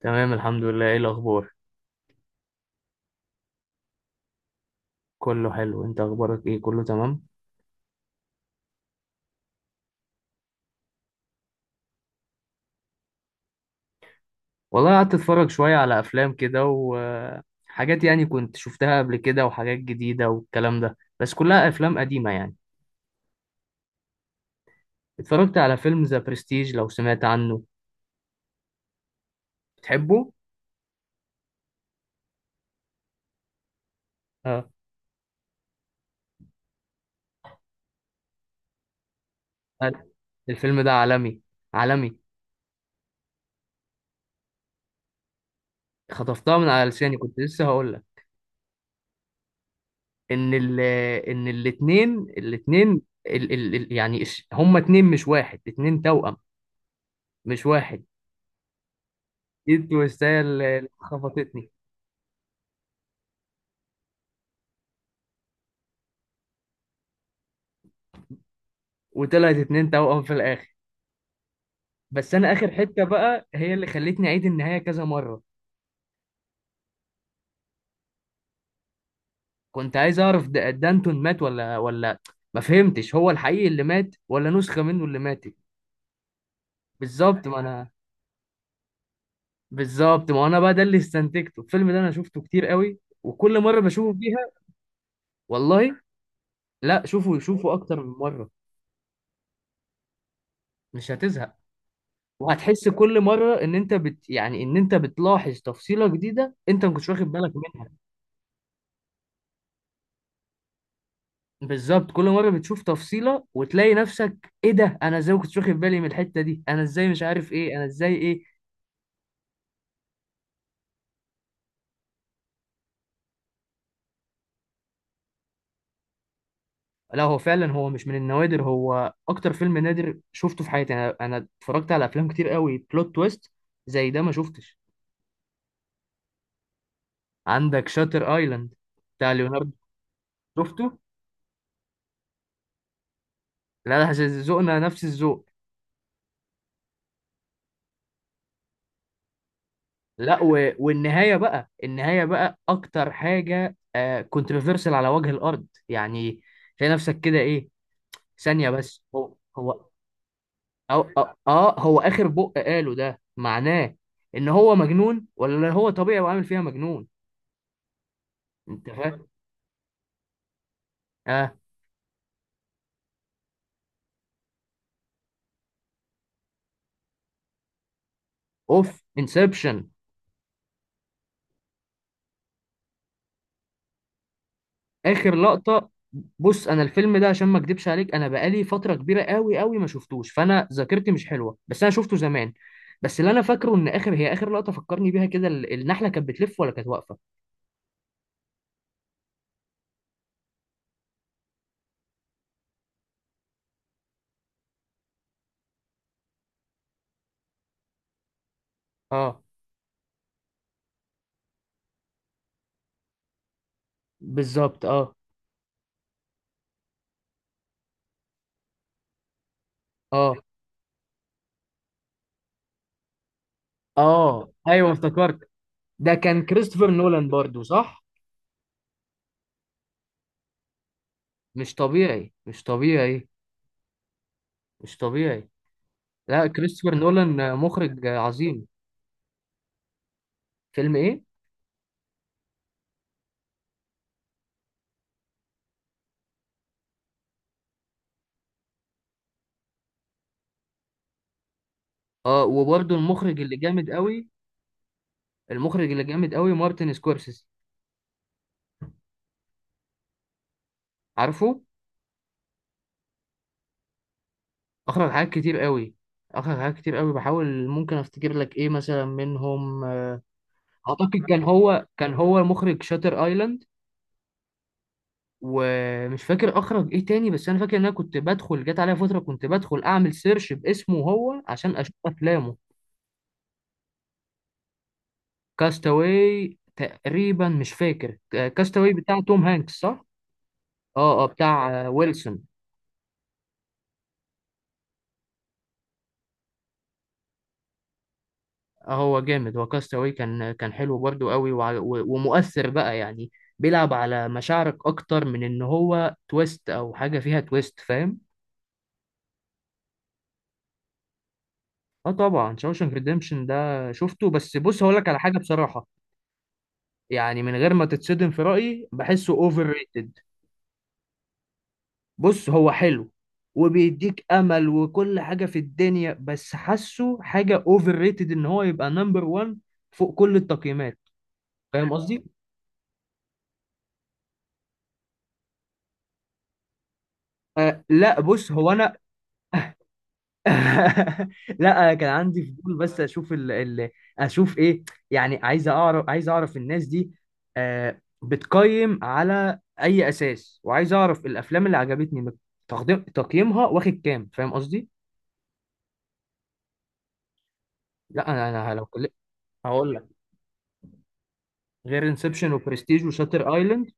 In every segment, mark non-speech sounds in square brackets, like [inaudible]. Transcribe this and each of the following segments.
تمام الحمد لله. ايه الاخبار؟ كله حلو. انت اخبارك ايه؟ كله تمام. والله قعدت اتفرج شوية على افلام كده وحاجات، يعني كنت شفتها قبل كده وحاجات جديدة والكلام ده. بس كلها افلام قديمة يعني. اتفرجت على فيلم ذا برستيج، لو سمعت عنه. بتحبه. اه. أنا- الفيلم ده عالمي، عالمي. خطفتها من على لساني، كنت لسه هقول لك. ان ال ان الاتنين ال ال ال يعني هما اتنين مش واحد، اتنين توأم، مش واحد. دي التويستاية اللي خبطتني. وطلعت اتنين توأم في الآخر. بس أنا آخر حتة بقى هي اللي خلتني أعيد النهاية كذا مرة. كنت عايز أعرف دانتون مات ولا ولا، ما فهمتش هو الحقيقي اللي مات ولا نسخة منه اللي ماتت. بالظبط. ما أنا بقى ده اللي استنتجته. الفيلم ده أنا شفته كتير قوي، وكل مرة بشوفه فيها. والله. لا، شوفوا، شوفوا أكتر من مرة. مش هتزهق. وهتحس كل مرة إن أنت بت يعني إن أنت بتلاحظ تفصيلة جديدة أنت ما كنتش واخد بالك منها. بالظبط، كل مره بتشوف تفصيله وتلاقي نفسك ايه ده، انا ازاي ما كنتش واخد بالي من الحته دي، انا ازاي مش عارف ايه، انا ازاي ايه. لا هو فعلا هو مش من النوادر، هو اكتر فيلم نادر شفته في حياتي. انا اتفرجت على افلام كتير قوي بلوت تويست، زي ده ما شفتش. عندك شاتر ايلاند، بتاع ليوناردو. شفته. لا لا، ذوقنا نفس الذوق. لا و... والنهايه بقى، النهايه بقى اكتر حاجه آه كونتروفيرسال على وجه الارض يعني. تلاقي نفسك كده ايه، ثانيه بس، هو. أو آه هو آخر قاله ده معناه إن هو مجنون ولا هو طبيعي وعامل فيها مجنون. أنت فاهم؟ آه. أوف، انسبشن. آخر لقطة. بص أنا الفيلم ده، عشان ما أكدبش عليك، أنا بقالي فترة كبيرة قوي قوي ما شفتوش، فأنا ذاكرتي مش حلوة. بس أنا شفته زمان. بس اللي أنا فاكره إن آخر، هي آخر لقطة فكرني بيها كده، النحلة كانت بتلف ولا كانت واقفة؟ آه. بالظبط، آه. آه. آه، أيوه افتكرت. ده كان كريستوفر نولان برضو، صح؟ مش طبيعي، مش طبيعي. مش طبيعي. لا كريستوفر نولان مخرج عظيم. فيلم ايه؟ اه، وبرده المخرج اللي جامد قوي. المخرج اللي جامد قوي مارتن سكورسيزي. عارفه. اخرج حاجات كتير قوي، اخرج حاجات كتير قوي، بحاول ممكن افتكر لك ايه مثلا منهم. اعتقد كان هو، كان هو مخرج شاتر ايلاند. ومش فاكر اخرج ايه تاني، بس انا فاكر ان انا كنت بدخل، جت عليا فتره كنت بدخل اعمل سيرش باسمه هو عشان اشوف افلامه. كاستاوي تقريبا، مش فاكر. كاستاوي بتاع توم هانكس، صح. اه اه، بتاع ويلسون. هو جامد، هو كاستاوي كان، كان حلو برضو قوي ومؤثر بقى يعني. بيلعب على مشاعرك اكتر من ان هو تويست او حاجه فيها تويست، فاهم. اه طبعا، شاوشانك ريديمشن ده شفته. بس بص هقول لك على حاجه بصراحه، يعني من غير ما تتصدم، في رايي بحسه اوفر ريتد. بص هو حلو، وبيديك امل وكل حاجه في الدنيا، بس حاسه حاجه اوفر ريتد ان هو يبقى نمبر 1 فوق كل التقييمات. فاهم قصدي؟ آه لا بص هو انا. [laughs] لا أنا كان عندي فضول بس اشوف اشوف ايه، يعني عايز اعرف، عايز اعرف الناس دي بتقيم على اي اساس، وعايز اعرف الافلام اللي عجبتني تقديم تقييمها واخد كام، فاهم قصدي. لا انا لو كل... هقول لك. غير انسبشن وبرستيج وشاتر ايلاند.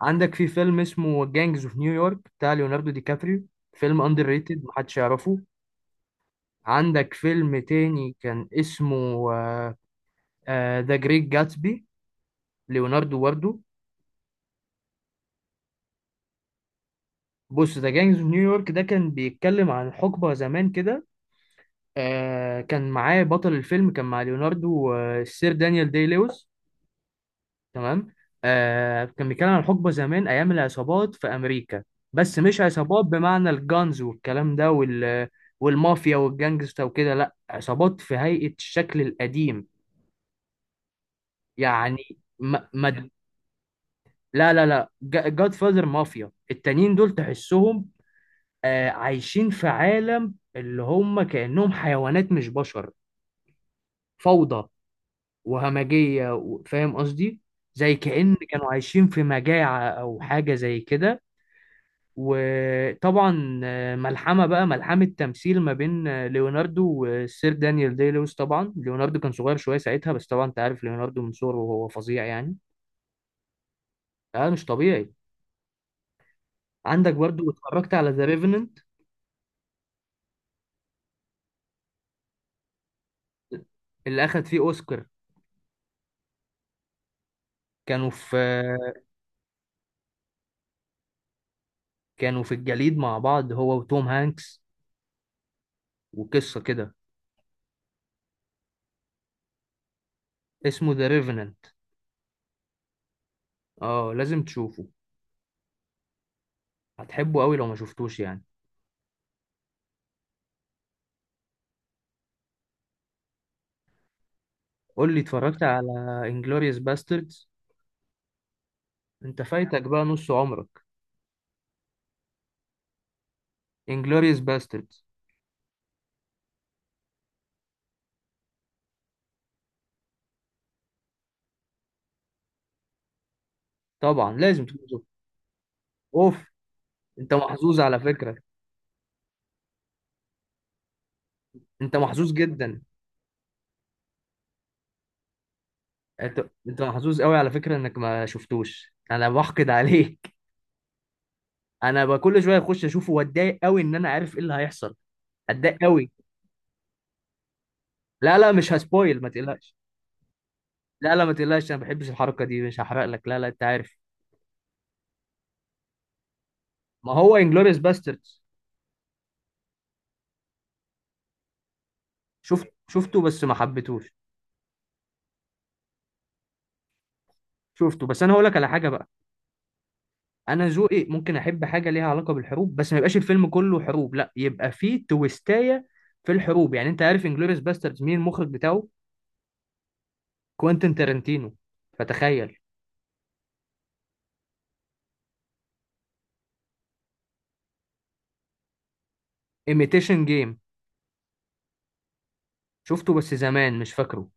عندك في فيلم اسمه جانجز اوف نيويورك، بتاع ليوناردو دي كابريو، فيلم اندر ريتد، محدش يعرفه. عندك فيلم تاني كان اسمه ذا جريت جاتسبي، ليوناردو واردو. بص ذا جانجز اوف نيويورك ده كان بيتكلم عن حقبة زمان كده. آه كان معاه بطل الفيلم، كان مع ليوناردو، آه السير دانيال دي لويس. تمام. آه كان بيتكلم عن حقبة زمان أيام العصابات في أمريكا. بس مش عصابات بمعنى الجانز والكلام ده وال، والمافيا والجانجستا وكده، لا عصابات في هيئة الشكل القديم. يعني ما ما. لا لا لا، جاد فاذر مافيا، التانيين دول تحسهم عايشين في عالم اللي هم كأنهم حيوانات مش بشر. فوضى وهمجية، فاهم قصدي. زي كأن كانوا عايشين في مجاعة أو حاجة زي كده. وطبعا ملحمة بقى، ملحمة تمثيل ما بين ليوناردو والسير دانيال دي لويس. طبعا ليوناردو كان صغير شوية ساعتها، بس طبعا أنت عارف ليوناردو من صغره وهو فظيع يعني. اه، مش طبيعي. عندك برضو، اتفرجت على ذا ريفننت اللي أخد فيه أوسكار. كانوا في كانوا في الجليد مع بعض هو وتوم هانكس، وقصة كده. اسمه ذا ريفننت. اه، لازم تشوفه، هتحبه قوي لو ما شفتوش يعني. قول لي، اتفرجت على انجلوريوس باستردز؟ انت فايتك بقى نص عمرك. انجلوريوس باستردز، طبعا لازم تكون شفته. اوف. انت محظوظ على فكرة، انت محظوظ جدا. انت محظوظ قوي على فكرة انك ما شفتوش، انا بحقد عليك. انا بقى كل شوية اخش اشوفه واتضايق قوي ان انا عارف ايه اللي هيحصل، اتضايق قوي. لا لا، مش هسبويل، ما تقلقش. لا لا ما تقلقش، انا ما بحبش الحركه دي، مش هحرق لك، لا لا، انت عارف. ما هو انجلوريوس باستردز. شفته بس ما حبيتهوش. شفته بس انا هقول لك على حاجه بقى، انا ذوقي ممكن احب حاجه ليها علاقه بالحروب، بس ما يبقاش الفيلم كله حروب، لا يبقى فيه تويستايه في الحروب. يعني انت عارف انجلوريوس باستردز مين المخرج بتاعه؟ كوينتين تارانتينو، فتخيل. ايميتيشن جيم، شفته بس زمان مش فاكره،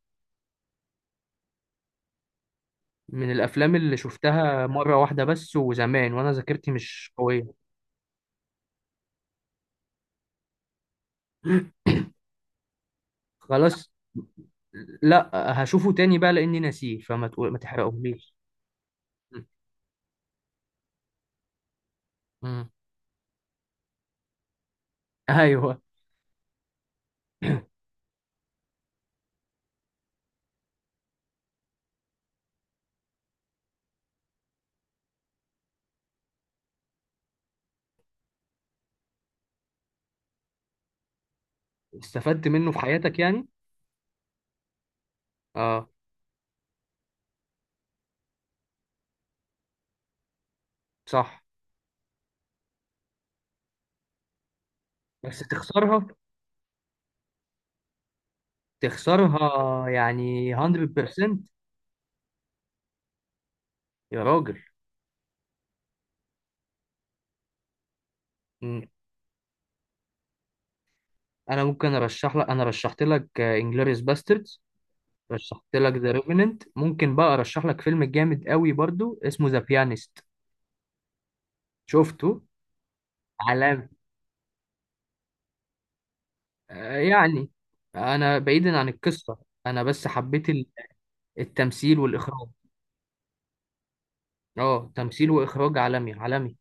من الافلام اللي شفتها مره واحده بس وزمان، وانا ذاكرتي مش قويه. [laughs] خلاص. لا هشوفه تاني بقى لاني ناسيه، فما تقول ما تحرقهوليش. مم. ايوه. استفدت منه في حياتك يعني. اه. صح. بس تخسرها، تخسرها يعني 100%. يا راجل. مم. انا ممكن ارشح لك، انا رشحت لك انجلوريوس باستردز، رشحت لك ذا ريفننت. ممكن بقى ارشح لك فيلم جامد قوي برضو اسمه ذا بيانست. شفته. علام. يعني انا بعيدا عن القصة، انا بس حبيت التمثيل والاخراج. اه تمثيل واخراج عالمي، عالمي.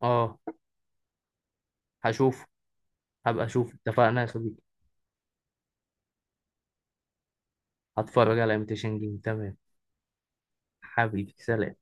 اه هشوف. هبقى اشوف، اتفقنا يا صديقي. هتفرج على ايميتيشن جيم، تمام. حبيبي سلام.